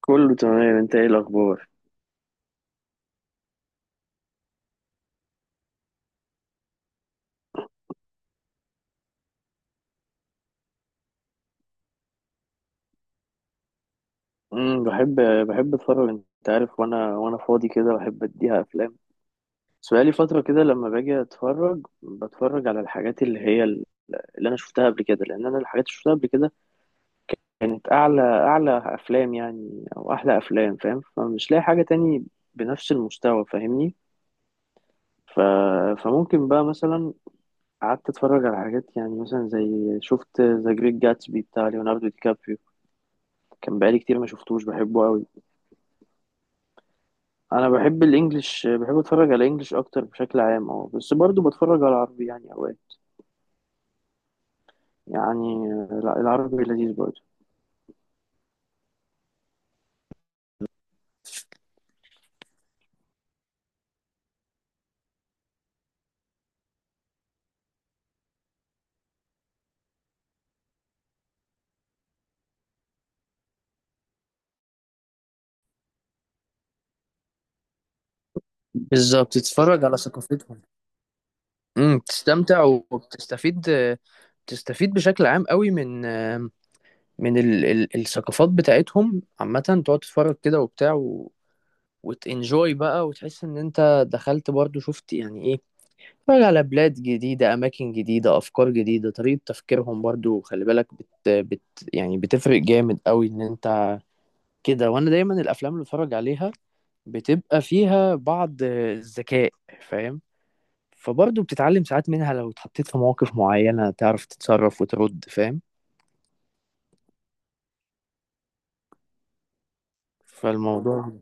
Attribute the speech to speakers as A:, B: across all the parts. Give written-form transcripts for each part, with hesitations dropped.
A: كله تمام، انت ايه الاخبار؟ امم بحب بحب اتفرج، انت عارف، وانا فاضي كده بحب اديها افلام. بس بقالي فتره كده لما باجي اتفرج بتفرج على الحاجات اللي هي اللي انا شفتها قبل كده، لان انا الحاجات اللي شفتها قبل كده كانت اعلى اعلى افلام يعني او احلى افلام، فاهم؟ فمش لاقي حاجه تاني بنفس المستوى، فاهمني؟ ف... فممكن بقى مثلا قعدت اتفرج على حاجات، يعني مثلا زي شفت ذا جريت جاتسبي بتاع ليوناردو دي كابريو. كان بقالي كتير ما شفتوش، بحبه قوي. انا بحب الانجليش، بحب اتفرج على الانجليش اكتر بشكل عام، اه. بس برضو بتفرج على العربي يعني اوقات. يعني، لا العربي لذيذ برضو. بالظبط، تتفرج على ثقافتهم. تستمتع وبتستفيد، بتستفيد بشكل عام قوي من الثقافات بتاعتهم عامة. تقعد تتفرج كده وبتاع وتنجوي بقى، وتحس ان انت دخلت برضو، شفت يعني إيه. اتفرج على بلاد جديدة، أماكن جديدة، أفكار جديدة، طريقة تفكيرهم برضو، خلي بالك. يعني بتفرق جامد قوي إن أنت كده. وأنا دايما الأفلام اللي بتفرج عليها بتبقى فيها بعض الذكاء، فاهم؟ فبرضو بتتعلم ساعات منها، لو اتحطيت في مواقف معينة تعرف تتصرف وترد، فاهم؟ فالموضوع.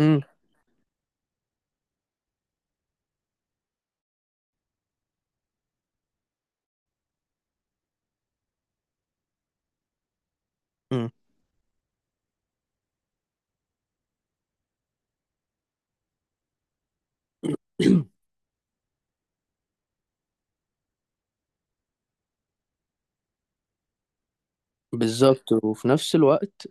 A: مم. مم. بالظبط. وفي نفس الوقت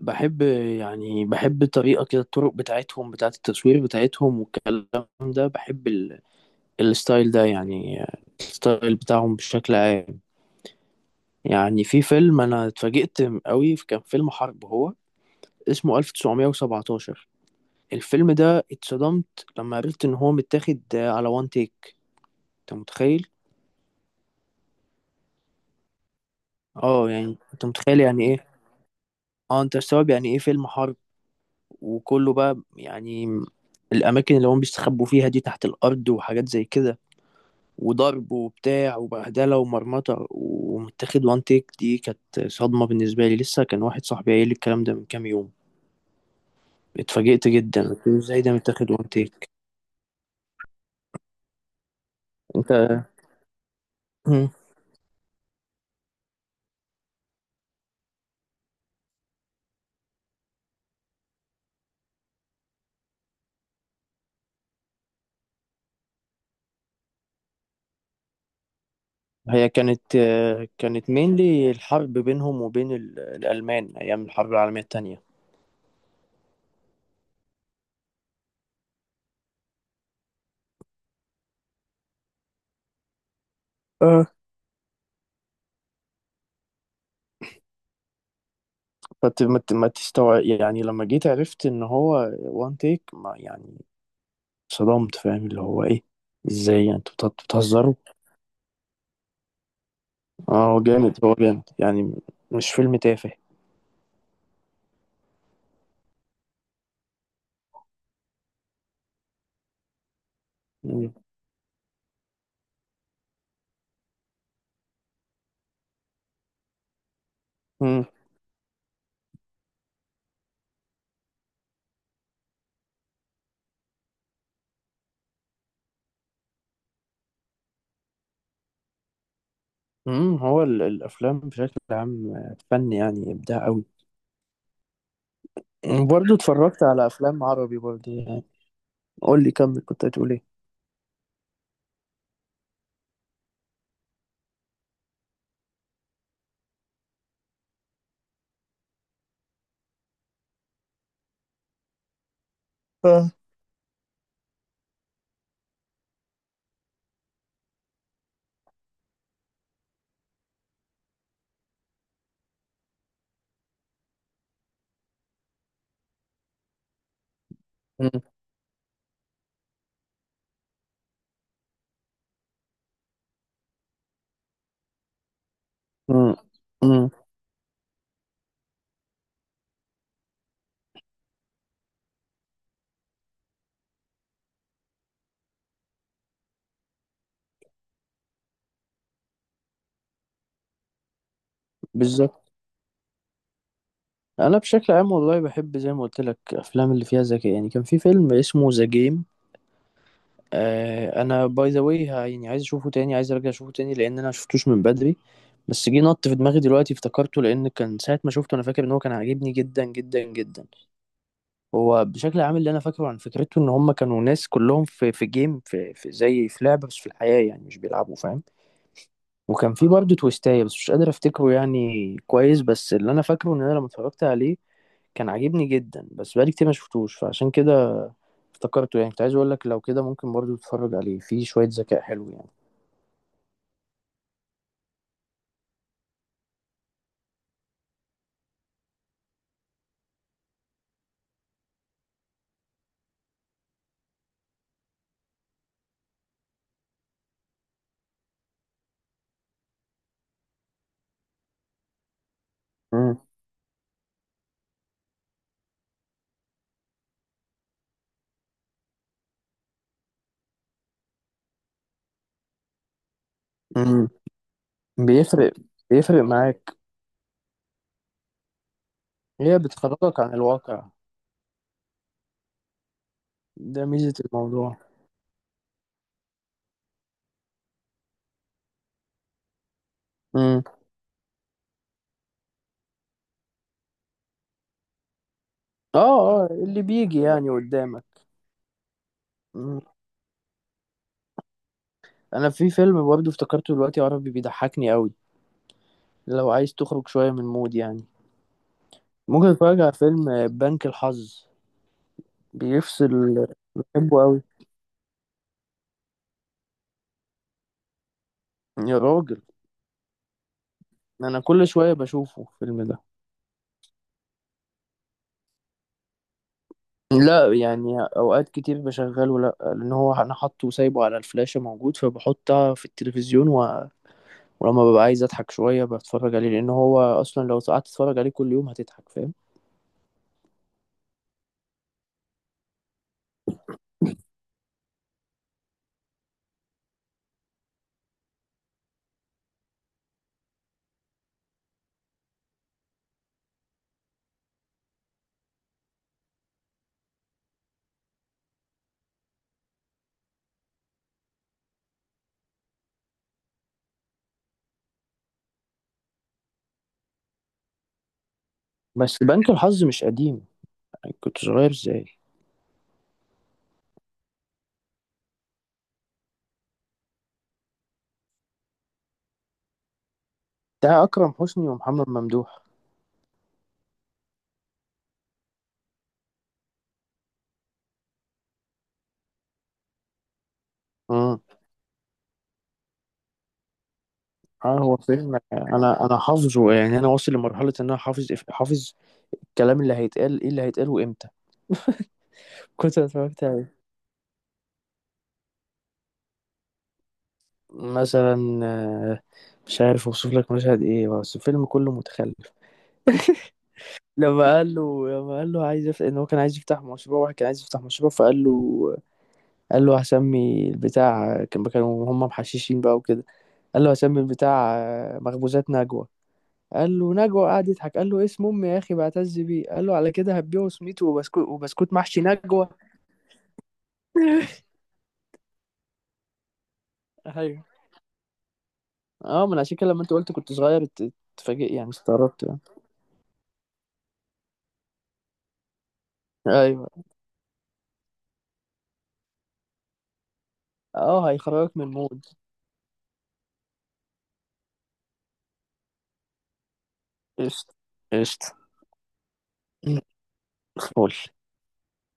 A: بحب، يعني بحب الطريقة كده، الطرق بتاعتهم بتاعت التصوير بتاعتهم والكلام ده. بحب الستايل ده يعني، الستايل بتاعهم بشكل عام. يعني في فيلم انا اتفاجئت قوي، كان فيلم حرب، هو اسمه 1917. الفيلم ده اتصدمت لما عرفت ان هو متاخد على وان تيك، انت متخيل؟ اه يعني انت متخيل يعني ايه. اه، انت مستوعب يعني ايه فيلم حرب، وكله بقى يعني الاماكن اللي هم بيستخبوا فيها دي تحت الارض وحاجات زي كده، وضرب وبتاع وبهدلة ومرمطة، ومتاخد وان تيك. دي كانت صدمة بالنسبة لي، لسه كان واحد صاحبي قايل لي الكلام ده من كام يوم. اتفاجئت جدا، قلت له ازاي ده متاخد وان تيك، انت. مم. هي كانت مينلي الحرب بينهم وبين الألمان أيام الحرب العالمية التانية. اه، ما تستوعب يعني، لما جيت عرفت ان هو وان تيك، ما يعني، صدمت، فاهم اللي هو ايه؟ ازاي يعني انتوا بتهزروا؟ اه، هو جامد هو جامد، يعني مش فيلم تافه. مم. مم. مم. هو الافلام بشكل عام فن، يعني ابداع قوي. برضه اتفرجت على افلام عربي برضه، يعني قول لي كمل، كنت هتقول ايه؟ آه. مم. مم. مم. بالظبط. انا بشكل عام والله بحب، زي ما قلت لك، افلام اللي فيها ذكاء. يعني كان في فيلم اسمه ذا جيم. آه، انا باي ذا واي يعني، عايز اشوفه تاني، عايز ارجع اشوفه تاني، لان انا شفتوش من بدري، بس جه نط في دماغي دلوقتي افتكرته. لان كان ساعه ما شفته انا فاكر ان هو كان عاجبني جدا جدا جدا. هو بشكل عام اللي انا فاكره عن فكرته ان هم كانوا ناس كلهم في جيم في زي في لعبه، بس في الحياه يعني مش بيلعبوا، فاهم؟ وكان في برضه تويستايه، بس مش قادر افتكره يعني كويس، بس اللي انا فاكره ان انا لما اتفرجت عليه كان عاجبني جدا. بس بقالي كتير ما شفتوش، فعشان كده افتكرته، يعني كنت عايز اقول لك لو كده ممكن برضه تتفرج عليه، فيه شويه ذكاء حلو يعني. امم امم بيفرق بيفرق معاك. هي بتخرجك عن الواقع. ده ميزه الموضوع. امم اه. اه، اللي بيجي يعني قدامك. انا في فيلم برضه افتكرته دلوقتي عربي بيضحكني قوي، لو عايز تخرج شويه من المود يعني، ممكن اتفرج على فيلم بنك الحظ. بيفصل، بحبه قوي. يا راجل، انا كل شويه بشوفه الفيلم ده. لا يعني، اوقات كتير بشغله، لا لان هو انا حاطه وسايبه على الفلاشه موجود، فبحطها في التلفزيون ولما ببقى عايز اضحك شويه بتفرج عليه، لان هو اصلا لو قعدت تتفرج عليه كل يوم هتضحك، فاهم؟ بس بنك الحظ مش قديم، يعني كنت صغير ازاي؟ بتاع اكرم حسني ومحمد ممدوح. اه، هو فيلم انا حافظه، يعني انا واصل لمرحله ان انا حافظ حافظ الكلام اللي هيتقال، ايه اللي هيتقال وامتى. كنت اتفرجت عليه. مثلا مش عارف اوصف لك مشهد ايه، بس الفيلم كله متخلف. لما قال له عايز يفتح، ان هو كان عايز يفتح مشروع، واحد كان عايز يفتح مشروع، فقال له، قال له هسمي البتاع، كانوا هم محششين بقى وكده، قال له هسمي البتاع مخبوزات نجوى. قال له نجوى، قعد يضحك، قال له اسم امي يا اخي بعتز بيه، قال له على كده هتبيعه سميته وبسكوت، وبسكوت محشي نجوى. ايوه. اه، من عشان كده لما انت قلت كنت صغير اتفاجئت يعني استغربت يعني. ايوه. اه، هيخرجك من المود. قشطة. قشطة. قول.